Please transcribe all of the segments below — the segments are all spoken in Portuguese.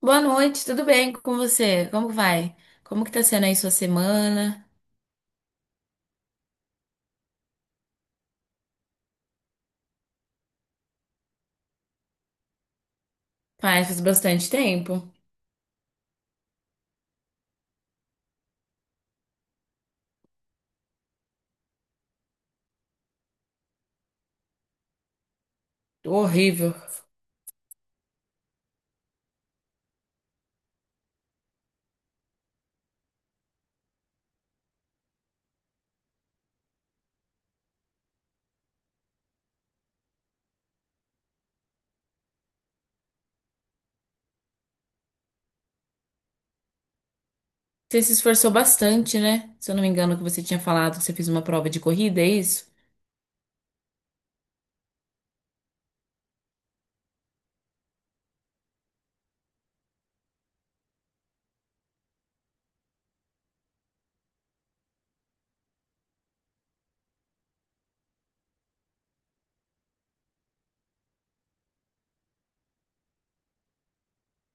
Boa noite, tudo bem com você? Como vai? Como que tá sendo aí sua semana? Pai, faz bastante tempo. Horrível. Você se esforçou bastante, né? Se eu não me engano, que você tinha falado que você fez uma prova de corrida, é isso?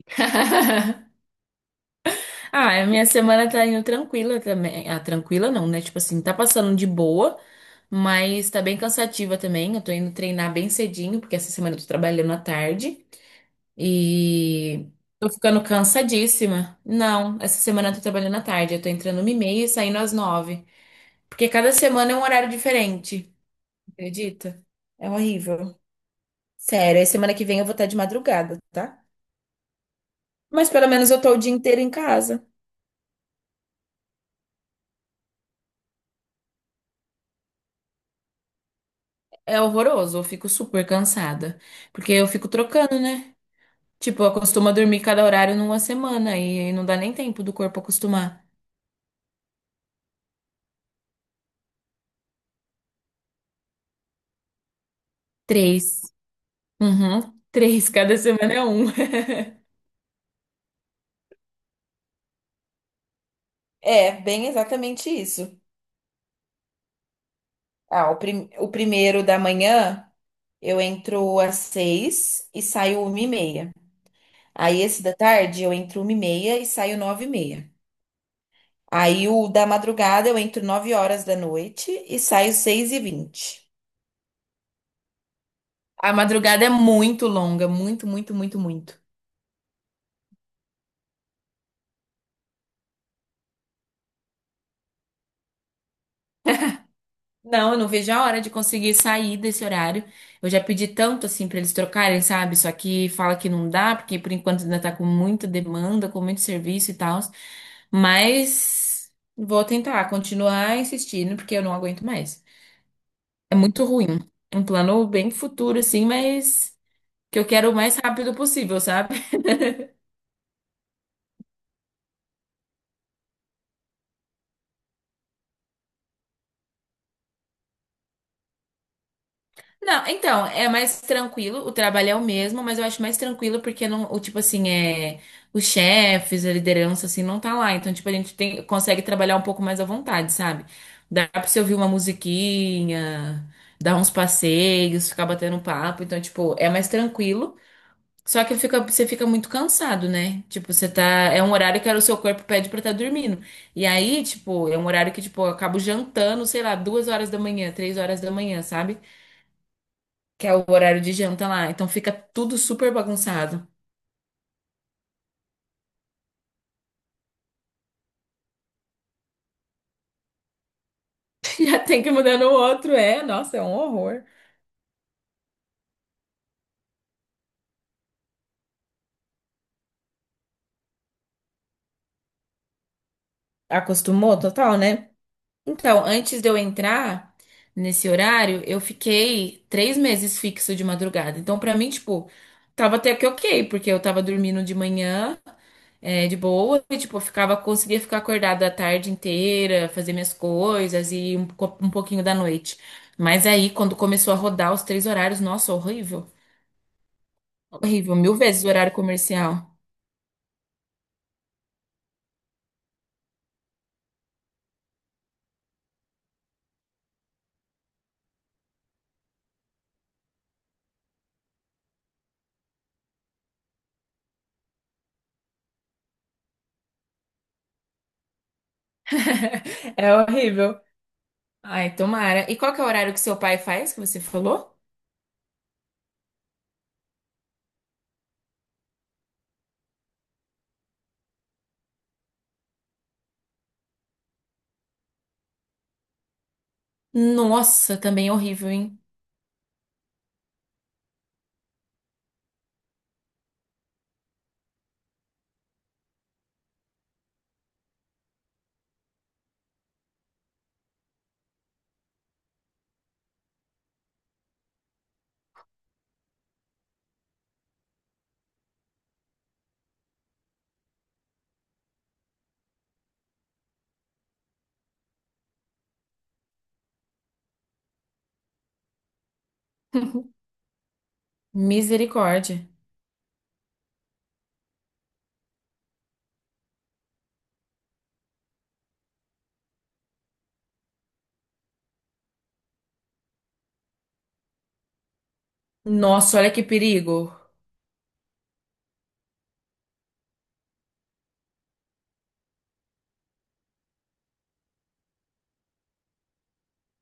Ah, a minha semana tá indo tranquila também. Ah, tranquila não, né? Tipo assim, tá passando de boa, mas tá bem cansativa também. Eu tô indo treinar bem cedinho, porque essa semana eu tô trabalhando à tarde. E tô ficando cansadíssima. Não, essa semana eu tô trabalhando à tarde. Eu tô entrando 1h30 e saindo às 9h. Porque cada semana é um horário diferente. Acredita? É horrível. Sério, aí semana que vem eu vou estar de madrugada, tá? Mas pelo menos eu tô o dia inteiro em casa. É horroroso, eu fico super cansada. Porque eu fico trocando, né? Tipo, eu acostumo dormir cada horário numa semana e não dá nem tempo do corpo acostumar. Três. Uhum, três. Cada semana é um. É, bem exatamente isso. Ah, o primeiro da manhã eu entro às 6h e saio 1h30. Aí esse da tarde eu entro 1h30 e saio 9h30. Aí o da madrugada eu entro 9h da noite e saio 6h20. A madrugada é muito longa, muito, muito, muito, muito. Não, eu não vejo a hora de conseguir sair desse horário. Eu já pedi tanto assim pra eles trocarem, sabe? Só que fala que não dá, porque por enquanto ainda tá com muita demanda, com muito serviço e tal. Mas vou tentar continuar insistindo, porque eu não aguento mais. É muito ruim. Um plano bem futuro, assim, mas que eu quero o mais rápido possível, sabe? Não, então, é mais tranquilo, o trabalho é o mesmo, mas eu acho mais tranquilo porque não, o tipo assim, é, os chefes, a liderança assim não tá lá, então tipo a gente tem, consegue trabalhar um pouco mais à vontade, sabe? Dá pra você ouvir uma musiquinha, dar uns passeios, ficar batendo um papo, então tipo, é mais tranquilo. Só que fica, você fica muito cansado, né? Tipo, você tá. É um horário que o seu corpo pede pra estar dormindo. E aí, tipo, é um horário que, tipo, eu acabo jantando, sei lá, 2h da manhã, 3h da manhã, sabe? Que é o horário de janta lá. Então fica tudo super bagunçado. Já tem que mudar no outro, é. Nossa, é um horror. Acostumou total, né? Então, antes de eu entrar nesse horário, eu fiquei 3 meses fixo de madrugada. Então, pra mim, tipo, tava até que ok, porque eu tava dormindo de manhã, é, de boa, e, tipo, eu ficava, conseguia ficar acordada a tarde inteira, fazer minhas coisas e um pouquinho da noite. Mas aí, quando começou a rodar os três horários, nossa, horrível. Horrível, mil vezes o horário comercial. É horrível. Ai, tomara. E qual que é o horário que seu pai faz, que você falou? Nossa, também horrível, hein? Misericórdia. Nossa, olha que perigo.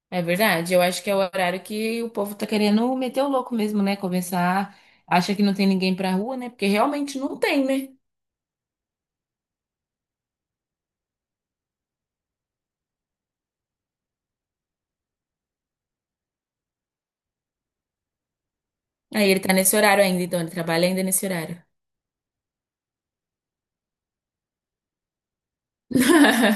É verdade, eu acho que é o horário que o povo tá querendo meter o louco mesmo, né? Começar, acha que não tem ninguém pra rua, né? Porque realmente não tem, né? Aí ele tá nesse horário ainda, então ele trabalha ainda nesse horário.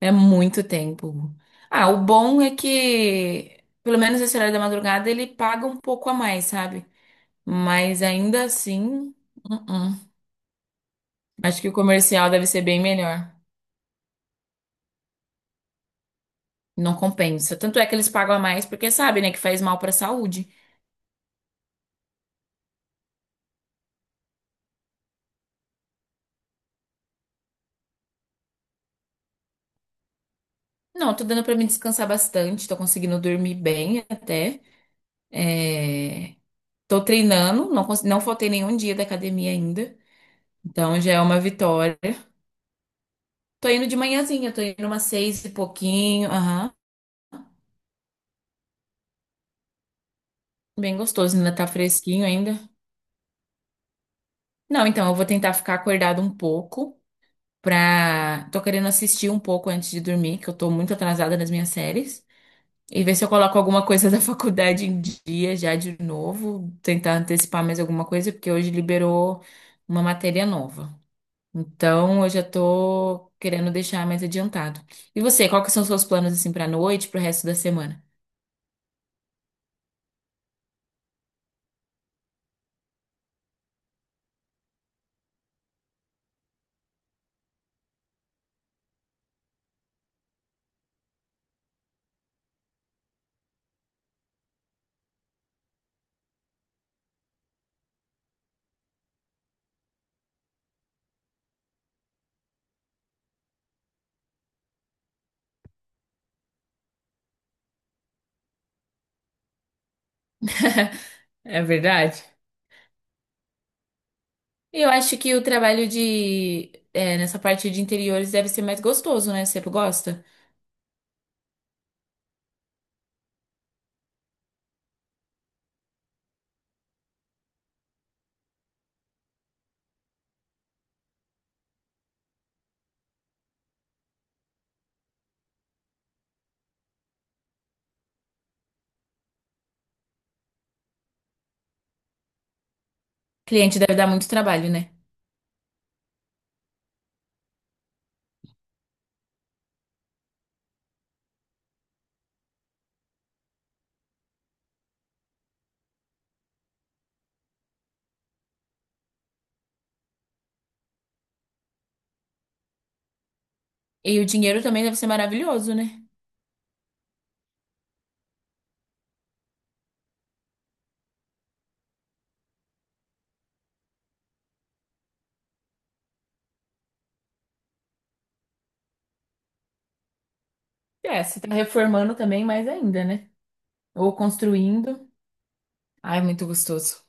É muito tempo. Ah, o bom é que, pelo menos esse horário da madrugada, ele paga um pouco a mais, sabe? Mas ainda assim, uh-uh. Acho que o comercial deve ser bem melhor. Não compensa. Tanto é que eles pagam a mais porque sabe, né, que faz mal pra saúde. Não, tô dando pra me descansar bastante, tô conseguindo dormir bem até. É... Tô treinando, não, não faltei nenhum dia da academia ainda. Então já é uma vitória. Tô indo de manhãzinha, tô indo umas 6h e pouquinho. Bem gostoso, ainda tá fresquinho ainda. Não, então eu vou tentar ficar acordado um pouco pra. Tô querendo assistir um pouco antes de dormir, que eu tô muito atrasada nas minhas séries. E ver se eu coloco alguma coisa da faculdade em dia já de novo. Tentar antecipar mais alguma coisa, porque hoje liberou uma matéria nova. Então eu já tô querendo deixar mais adiantado. E você, quais são os seus planos assim pra noite, pro resto da semana? É verdade? Eu acho que o trabalho de é, nessa parte de interiores deve ser mais gostoso, né? Você gosta? Cliente deve dar muito trabalho, né? E o dinheiro também deve ser maravilhoso, né? É, você tá reformando também mais ainda, né? Ou construindo. Ai, muito gostoso.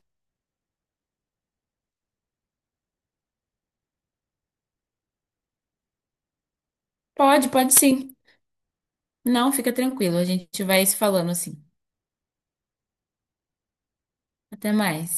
Pode, pode sim. Não, fica tranquilo. A gente vai se falando assim. Até mais.